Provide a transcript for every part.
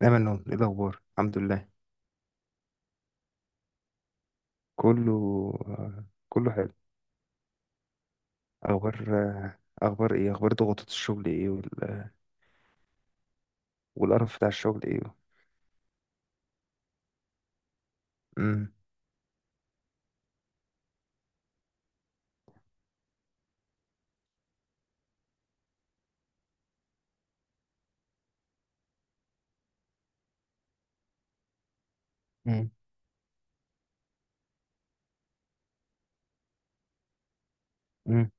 دايما نقول ايه الاخبار، الحمد لله. كله كله حلو. اخبار آه، اخبار ايه؟ ضغوطات الشغل ايه، والقرف بتاع الشغل ايه. امم. امم. امم.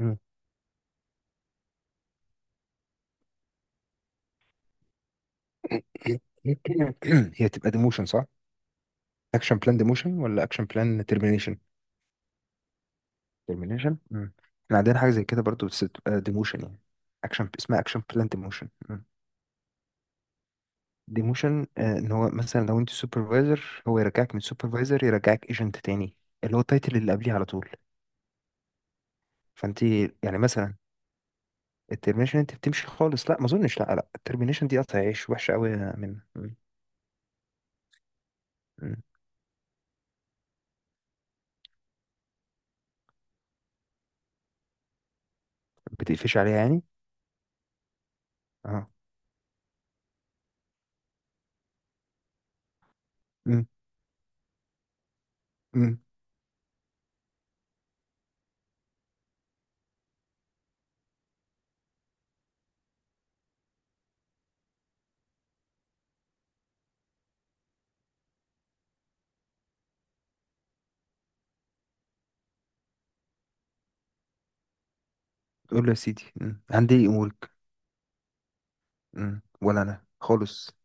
أمم. هي تبقى ديموشن، صح؟ اكشن بلان ديموشن ولا اكشن بلان ترمينيشن؟ ترمينيشن. امم. احنا عندنا حاجه زي كده برضو، بس بتبقى ديموشن يعني. اكشن اسمها اكشن بلان ديموشن. ديموشن. ان هو مثلا لو انت سوبرفايزر، هو يرجعك من سوبرفايزر يرجعك ايجنت تاني، اللي هو التايتل اللي قبليه على طول. فانت يعني مثلا، الترمينيشن انت بتمشي خالص. لا، ما اظنش، لا لا، الترمينيشن دي قطع عيش وحشه قوي من مم. مم. بتقفش عليها يعني؟ اه. مم. مم. قول له يا سيدي. مم. عندي امورك. مم. ولا انا خالص.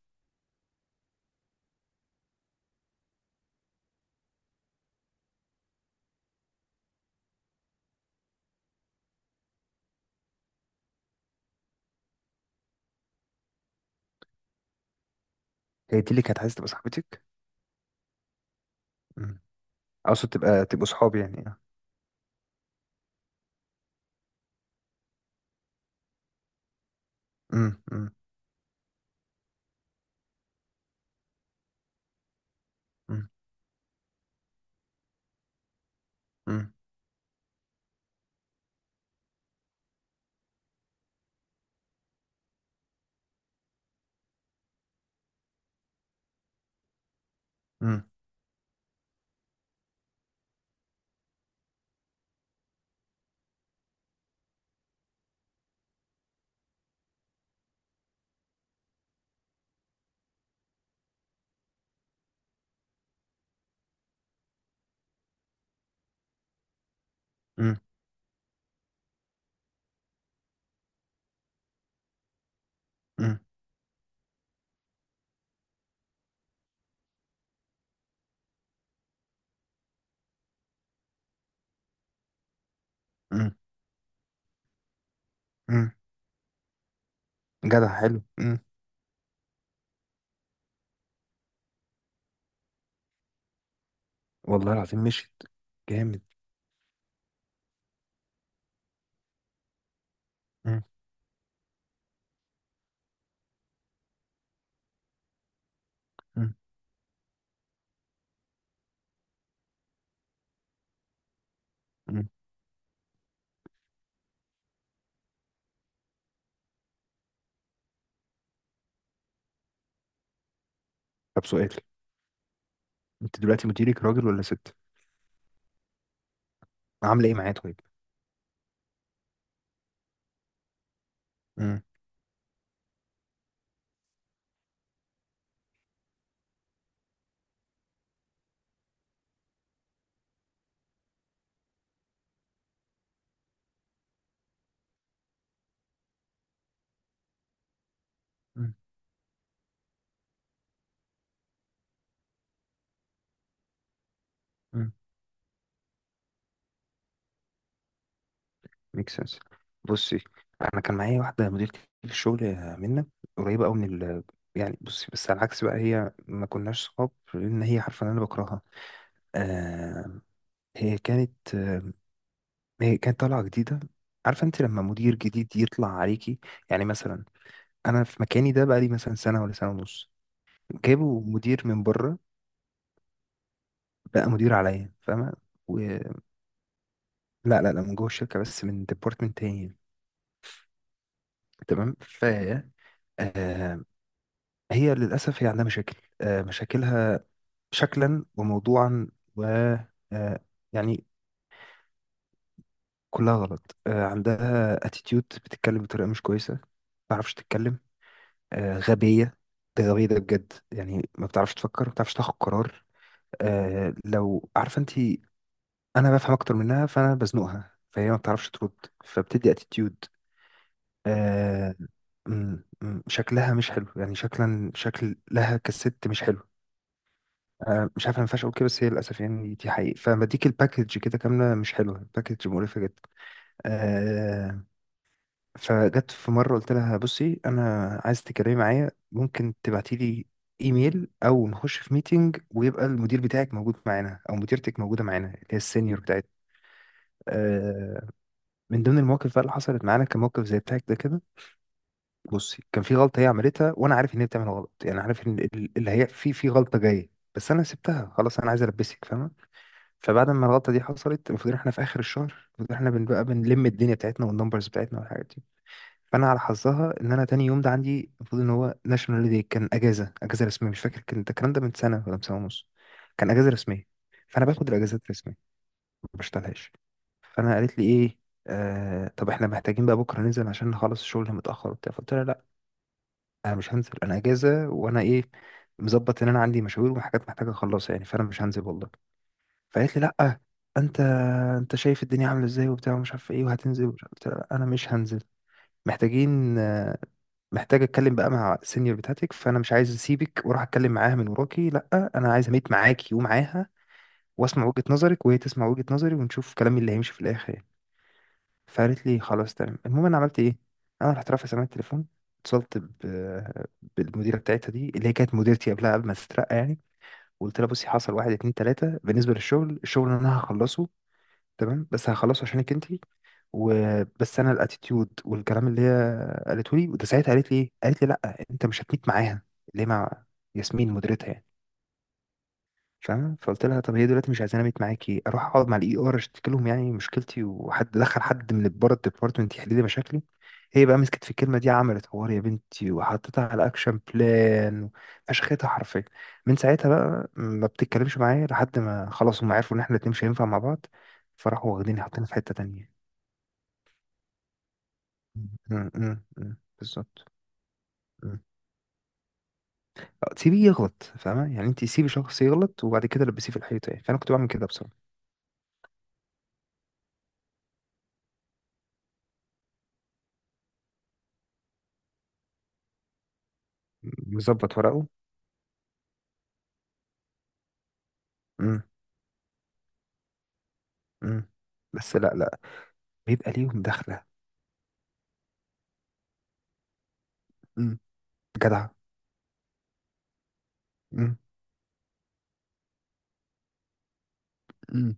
هي دي اللي كانت عايزه تبقى صاحبتك. مم. اقصد تبقى تبقوا صحاب يعني، اه. مم. مم. مم. مم. مم. مم. مم. مم. مم. جدع، حلو. مم. والله العظيم مشيت. جامد. مم. مم. مم. طب، سؤال. انت دلوقتي مديرك راجل ولا ست؟ عامله ايه معاه طيب؟ مم. مم. ميك سنس. بصي، انا كان معايا واحده مديرتي في الشغل، منا قريبه قوي من يعني، بصي، بس على العكس بقى هي ما كناش صحاب لان هي عارفه ان انا بكرهها. آه هي كانت آه هي كانت طالعه جديده. عارفه انت لما مدير جديد يطلع عليكي؟ يعني مثلا، انا في مكاني ده بقى لي مثلا سنه ولا سنه ونص، جابوا مدير من بره، بقى مدير عليا، فاهمه؟ و... لا لا لا، من جوه الشركه بس من ديبارتمنت تاني. تمام، هي للأسف هي عندها مشاكل، مشاكلها شكلا وموضوعا، و آه، يعني كلها غلط، عندها اتيتيود، بتتكلم بطريقة مش كويسة، ما بتعرفش تتكلم. غبية، ده غبية ده بجد يعني، ما بتعرفش تفكر، ما بتعرفش تاخد قرار. لو عارفة انت، انا بفهم اكتر منها فانا بزنقها فهي ما بتعرفش ترد، فبتدي اتيتيود. آه، شكلها مش حلو يعني، شكلا شكلها كست مش حلو. مش عارف انا ما ينفعش اقول كده بس هي للاسف يعني دي حقيقة، فلما اديك الباكج كده كامله مش حلوه، الباكج مقرفه جدا. آه فجت في مره قلت لها بصي، انا عايز تتكلمي معايا، ممكن تبعتي لي ايميل او نخش في ميتنج ويبقى المدير بتاعك موجود معانا او مديرتك موجوده معانا، اللي هي السينيور بتاعتنا. آه من ضمن المواقف بقى اللي حصلت معانا، كان موقف زي بتاعك ده كده. بصي، كان في غلطه هي عملتها وانا عارف ان هي بتعمل غلط، يعني عارف ان اللي هي في غلطه جايه، بس انا سبتها خلاص، انا عايز البسك، فاهمه؟ فبعد ما الغلطه دي حصلت، المفروض إن احنا في اخر الشهر، المفروض إن احنا بنبقى بنلم الدنيا بتاعتنا والنمبرز بتاعتنا والحاجات دي. فانا على حظها، ان انا تاني يوم ده عندي، المفروض ان هو ناشونال داي، كان اجازه رسميه، مش فاكر كان ده الكلام ده من سنه ولا من سنه ونص، كان اجازه رسميه. فانا باخد الاجازات الرسميه، ما بشتغلهاش. قالت لي ايه؟ طب احنا محتاجين بقى بكره ننزل عشان نخلص الشغل متاخر وبتاع. فقلت لها لا، انا مش هنزل، انا اجازه، وانا ايه، مظبط، ان انا عندي مشاوير وحاجات محتاجه اخلصها يعني، فانا مش هنزل والله. فقالت لي لا، انت انت شايف الدنيا عامله ازاي وبتاع ومش عارف ايه وهتنزل ومش عارف إيه. قلت لها لا، انا مش هنزل. محتاجين آه، محتاج اتكلم بقى مع السينيور بتاعتك، فانا مش عايز اسيبك واروح اتكلم معاها من وراكي، لا انا عايز اميت معاكي ومعاها، واسمع وجهه نظرك وهي تسمع وجهه نظري، ونشوف كلامي اللي هيمشي في الاخر يعني. فقالت لي خلاص تمام. المهم، انا عملت ايه، انا رحت رافع سماعه التليفون، اتصلت بالمديره بتاعتها دي، اللي هي كانت مديرتي قبلها قبل ما تترقى يعني، وقلت لها بصي، حصل واحد اتنين تلاته بالنسبه للشغل، اللي انا هخلصه تمام بس هخلصه عشانك انت، وبس انا الاتيتيود والكلام اللي هي قالته لي. وده ساعتها قالت لي ايه؟ قالت لي لا، انت مش هتميت معاها، اللي هي مع ياسمين مديرتها يعني، فاهمة؟ فقلت لها طب هي دلوقتي مش عايزاني أبيت معاكي، أروح أقعد مع الإي آر أشتكي لهم يعني مشكلتي، وحد دخل حد من بره الديبارتمنت يحل لي مشاكلي. هي بقى مسكت في الكلمة دي، عملت حوار يا بنتي وحطيتها على أكشن بلان، فشختها حرفيا. من ساعتها بقى ما بتتكلمش معايا لحد ما خلاص، هم عرفوا إن إحنا الاتنين مش هينفع مع بعض، فراحوا واخديني حاطيني في حتة تانية. م- م. بالظبط. م. أه، سيبيه يغلط، فاهمة يعني؟ أنت سيبي شخص يغلط وبعد كده لبسيه في الحيطة يعني، فأنا كنت بعمل كده بصراحة. مظبط ورقه. م. مم. بس لا لا، بيبقى ليهم دخلة. مم. جدعة. مم. مم.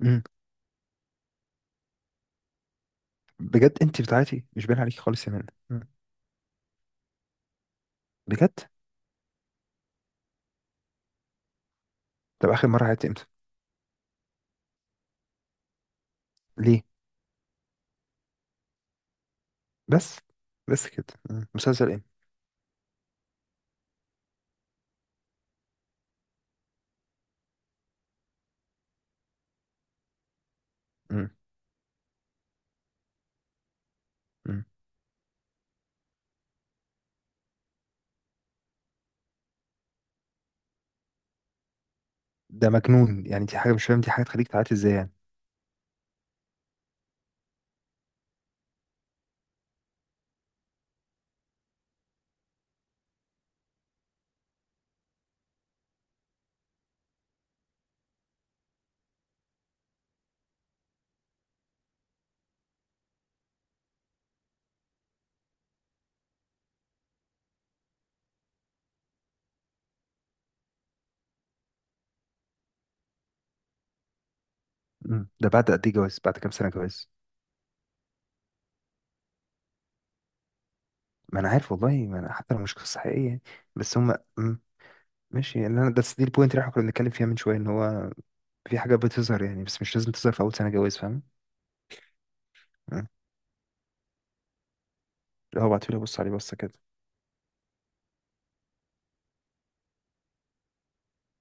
مم. بجد؟ انت بتاعتي مش باين عليكي خالص يا منى. مم. بجد؟ طب اخر مرة عيطتي امتى؟ ليه؟ بس. بس كده. مم. مسلسل ايه؟ مم. مم. ده مجنون يعني، دي حاجة، مش فاهم دي حاجة تخليك تعيطي ازاي يعني. مم. ده بعد قد ايه جواز؟ بعد كام سنة جواز؟ ما انا عارف والله، ما انا حتى لو مش قصة حقيقية يعني. بس هم. مم. ماشي يعني، انا دي البوينت اللي احنا كنا بنتكلم فيها من شوية، ان هو في حاجة بتظهر يعني، بس مش لازم تظهر في اول سنة جواز. فاهم؟ اه، بعتولي ابص عليه بس كده.